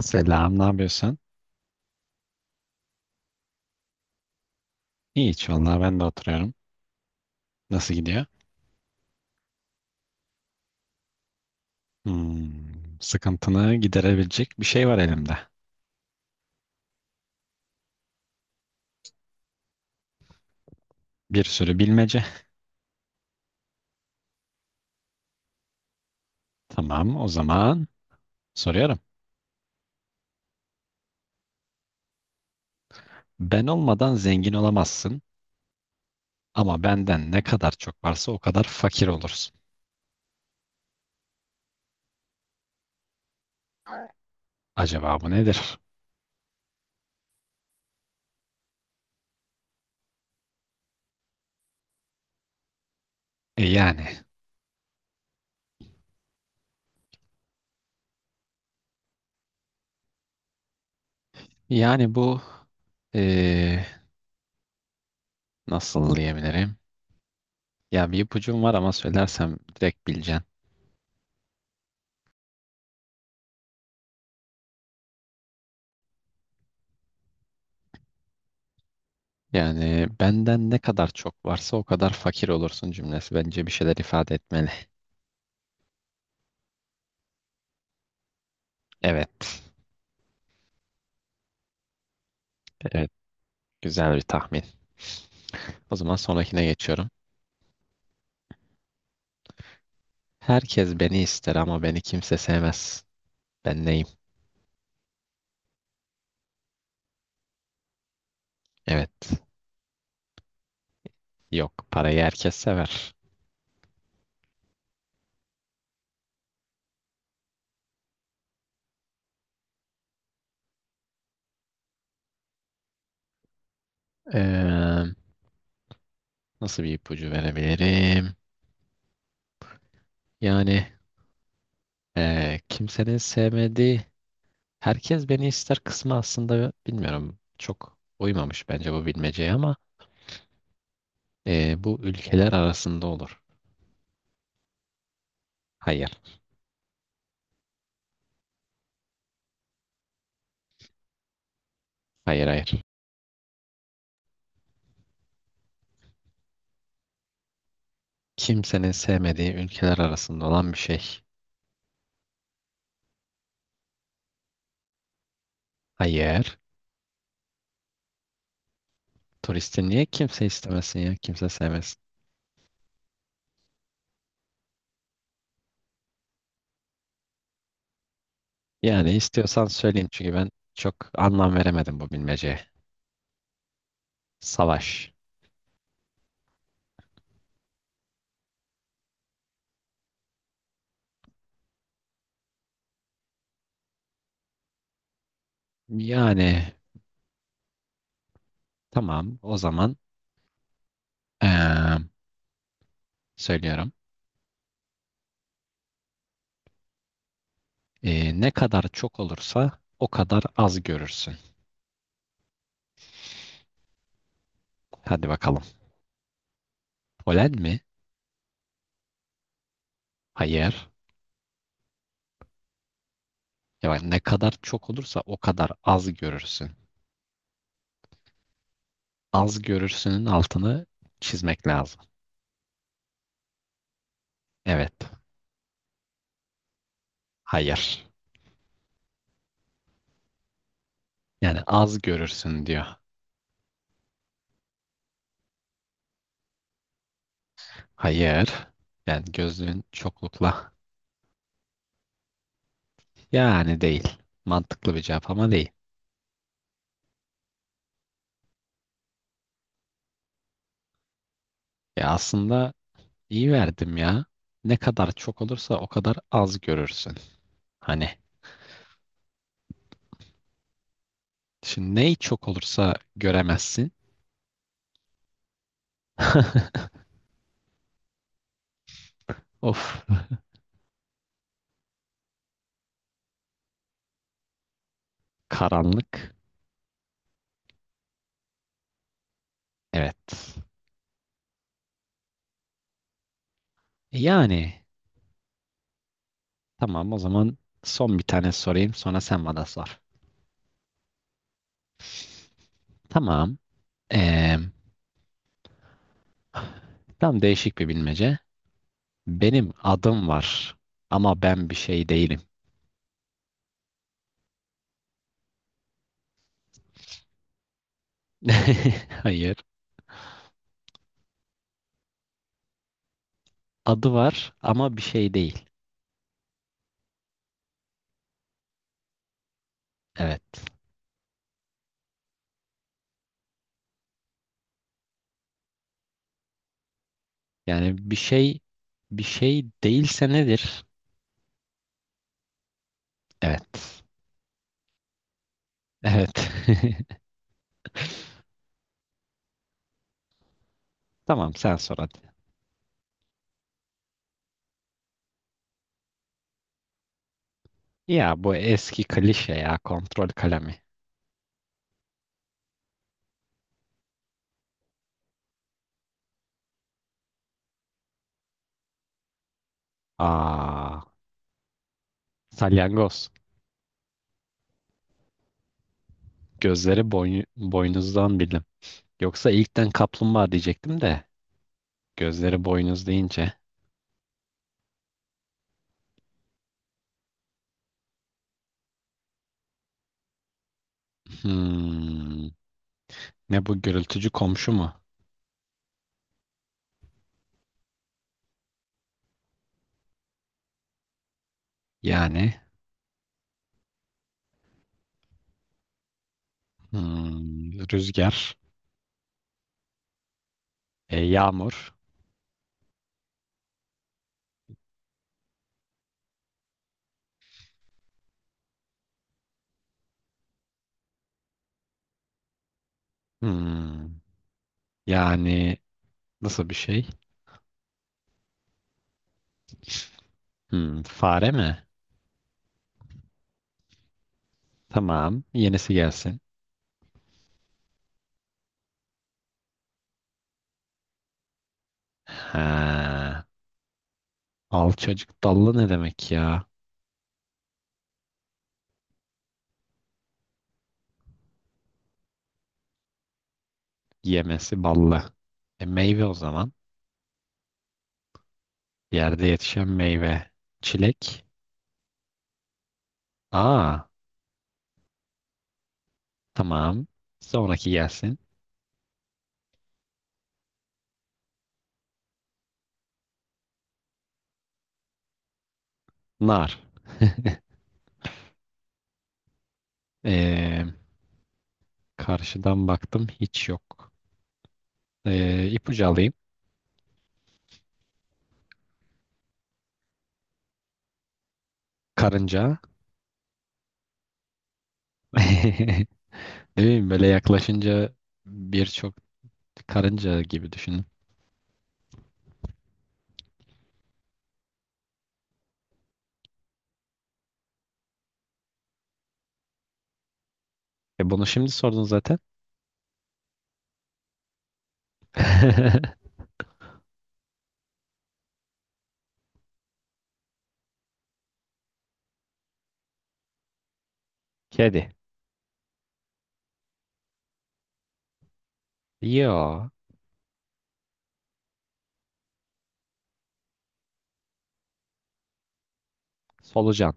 Selam, ne yapıyorsun? İyi hiç vallahi ben de oturuyorum. Nasıl gidiyor? Hmm, sıkıntını giderebilecek bir şey var elimde. Bir sürü bilmece. Tamam, o zaman soruyorum. Ben olmadan zengin olamazsın ama benden ne kadar çok varsa o kadar fakir olursun. Acaba bu nedir? E yani, yani bu e, nasıl diyebilirim? Ya bir ipucum var ama söylersem direkt bileceksin. Yani benden ne kadar çok varsa o kadar fakir olursun cümlesi bence bir şeyler ifade etmeli. Evet. Evet. Güzel bir tahmin. O zaman sonrakine geçiyorum. Herkes beni ister ama beni kimse sevmez. Ben neyim? Evet. Yok. Parayı herkes sever. Ee, Nasıl bir ipucu verebilirim? Yani kimsenin sevmediği herkes beni ister kısmı aslında bilmiyorum. Çok uymamış bence bu bilmeceye ama bu ülkeler arasında olur. Hayır. Hayır hayır. Kimsenin sevmediği ülkeler arasında olan bir şey. Hayır. Turisti niye kimse istemesin ya? Kimse sevmesin. Yani istiyorsan söyleyeyim çünkü ben çok anlam veremedim bu bilmeceye. Savaş. Yani tamam o zaman eee, söylüyorum. Ne kadar çok olursa o kadar az görürsün. Hadi bakalım. Polen mi? Hayır. Ya bak, ne kadar çok olursa o kadar az görürsün. Az görürsünün altını çizmek lazım. Evet. Hayır. Yani az görürsün diyor. Hayır. Yani gözlüğün çoklukla. Yani değil. Mantıklı bir cevap ama değil. Ya aslında iyi verdim ya. Ne kadar çok olursa o kadar az görürsün. Hani şimdi neyi çok olursa göremezsin. Of. Karanlık. Evet. E yani tamam o zaman son bir tane sorayım sonra sen bana sor. Tamam. Eee Tam değişik bir bilmece. Benim adım var ama ben bir şey değilim. Hayır. Adı var ama bir şey değil. Evet. Yani bir şey bir şey değilse nedir? Evet. Evet. Tamam sen sor hadi. Ya bu eski klişe ya kontrol kalemi. Aa, salyangoz. Boynuzdan bildim. Yoksa ilkten kaplumbağa diyecektim de gözleri boynuz deyince. Hmm, ne bu gürültücü komşu mu? Yani hmm, rüzgar, yağmur. Hmm, yani nasıl bir şey? Hmm, fare mi? Tamam, yenisi gelsin. Ha, alçacık dallı ne demek ya? Yemesi ballı. E, meyve o zaman. Yerde yetişen meyve. Çilek. Aa, tamam. Sonraki gelsin. Nar. E, Karşıdan baktım hiç yok. İpucu alayım. Karınca. Değil mi? Böyle yaklaşınca birçok karınca gibi düşünün. E bunu şimdi sordun zaten. Kedi. Yo. Solucan.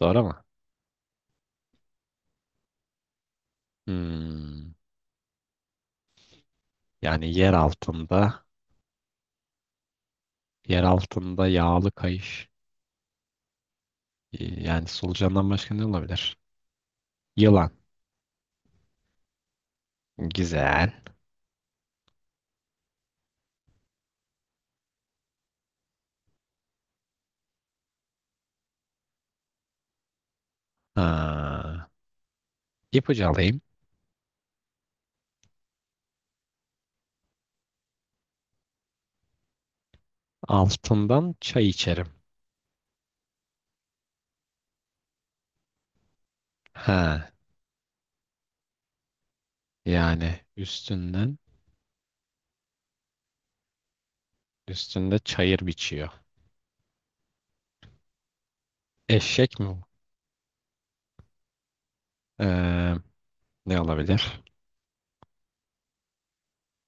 Doğru mu? Hmm. Yani yer altında, yer altında yağlı kayış. Yani solucandan başka ne olabilir? Yılan. Güzel. Ha. İpucu alayım. Altından çay içerim. Ha. Yani üstünden, üstünde çayır biçiyor. Eşek mi bu? Ee, ne olabilir?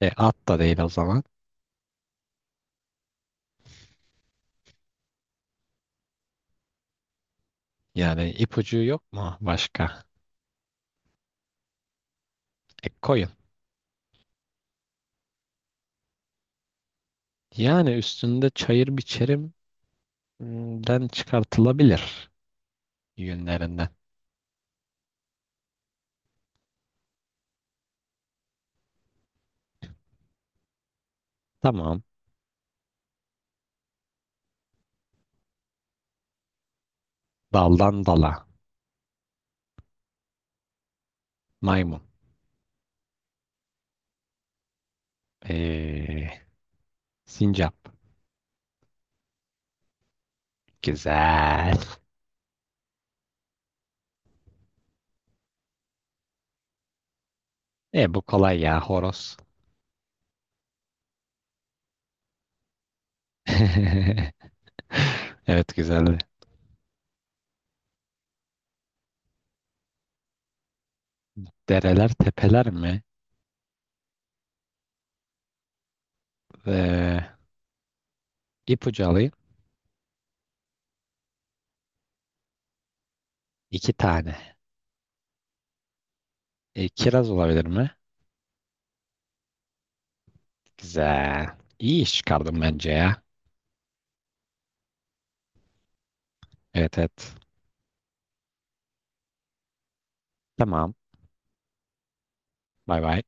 E, at da değil o zaman. Yani ipucu yok mu başka? E, koyun. Yani üstünde çayır biçerimden çıkartılabilir yünlerinden. Tamam. Daldan dala. Maymun. E, sincap. Güzel. E bu kolay ya horoz. Evet güzeldi. Dereler tepeler mi? E, ipucu alayım. İki tane. E, kiraz olabilir mi? Güzel. İyi iş çıkardım bence ya. Evet evet. Tamam. Bay bay.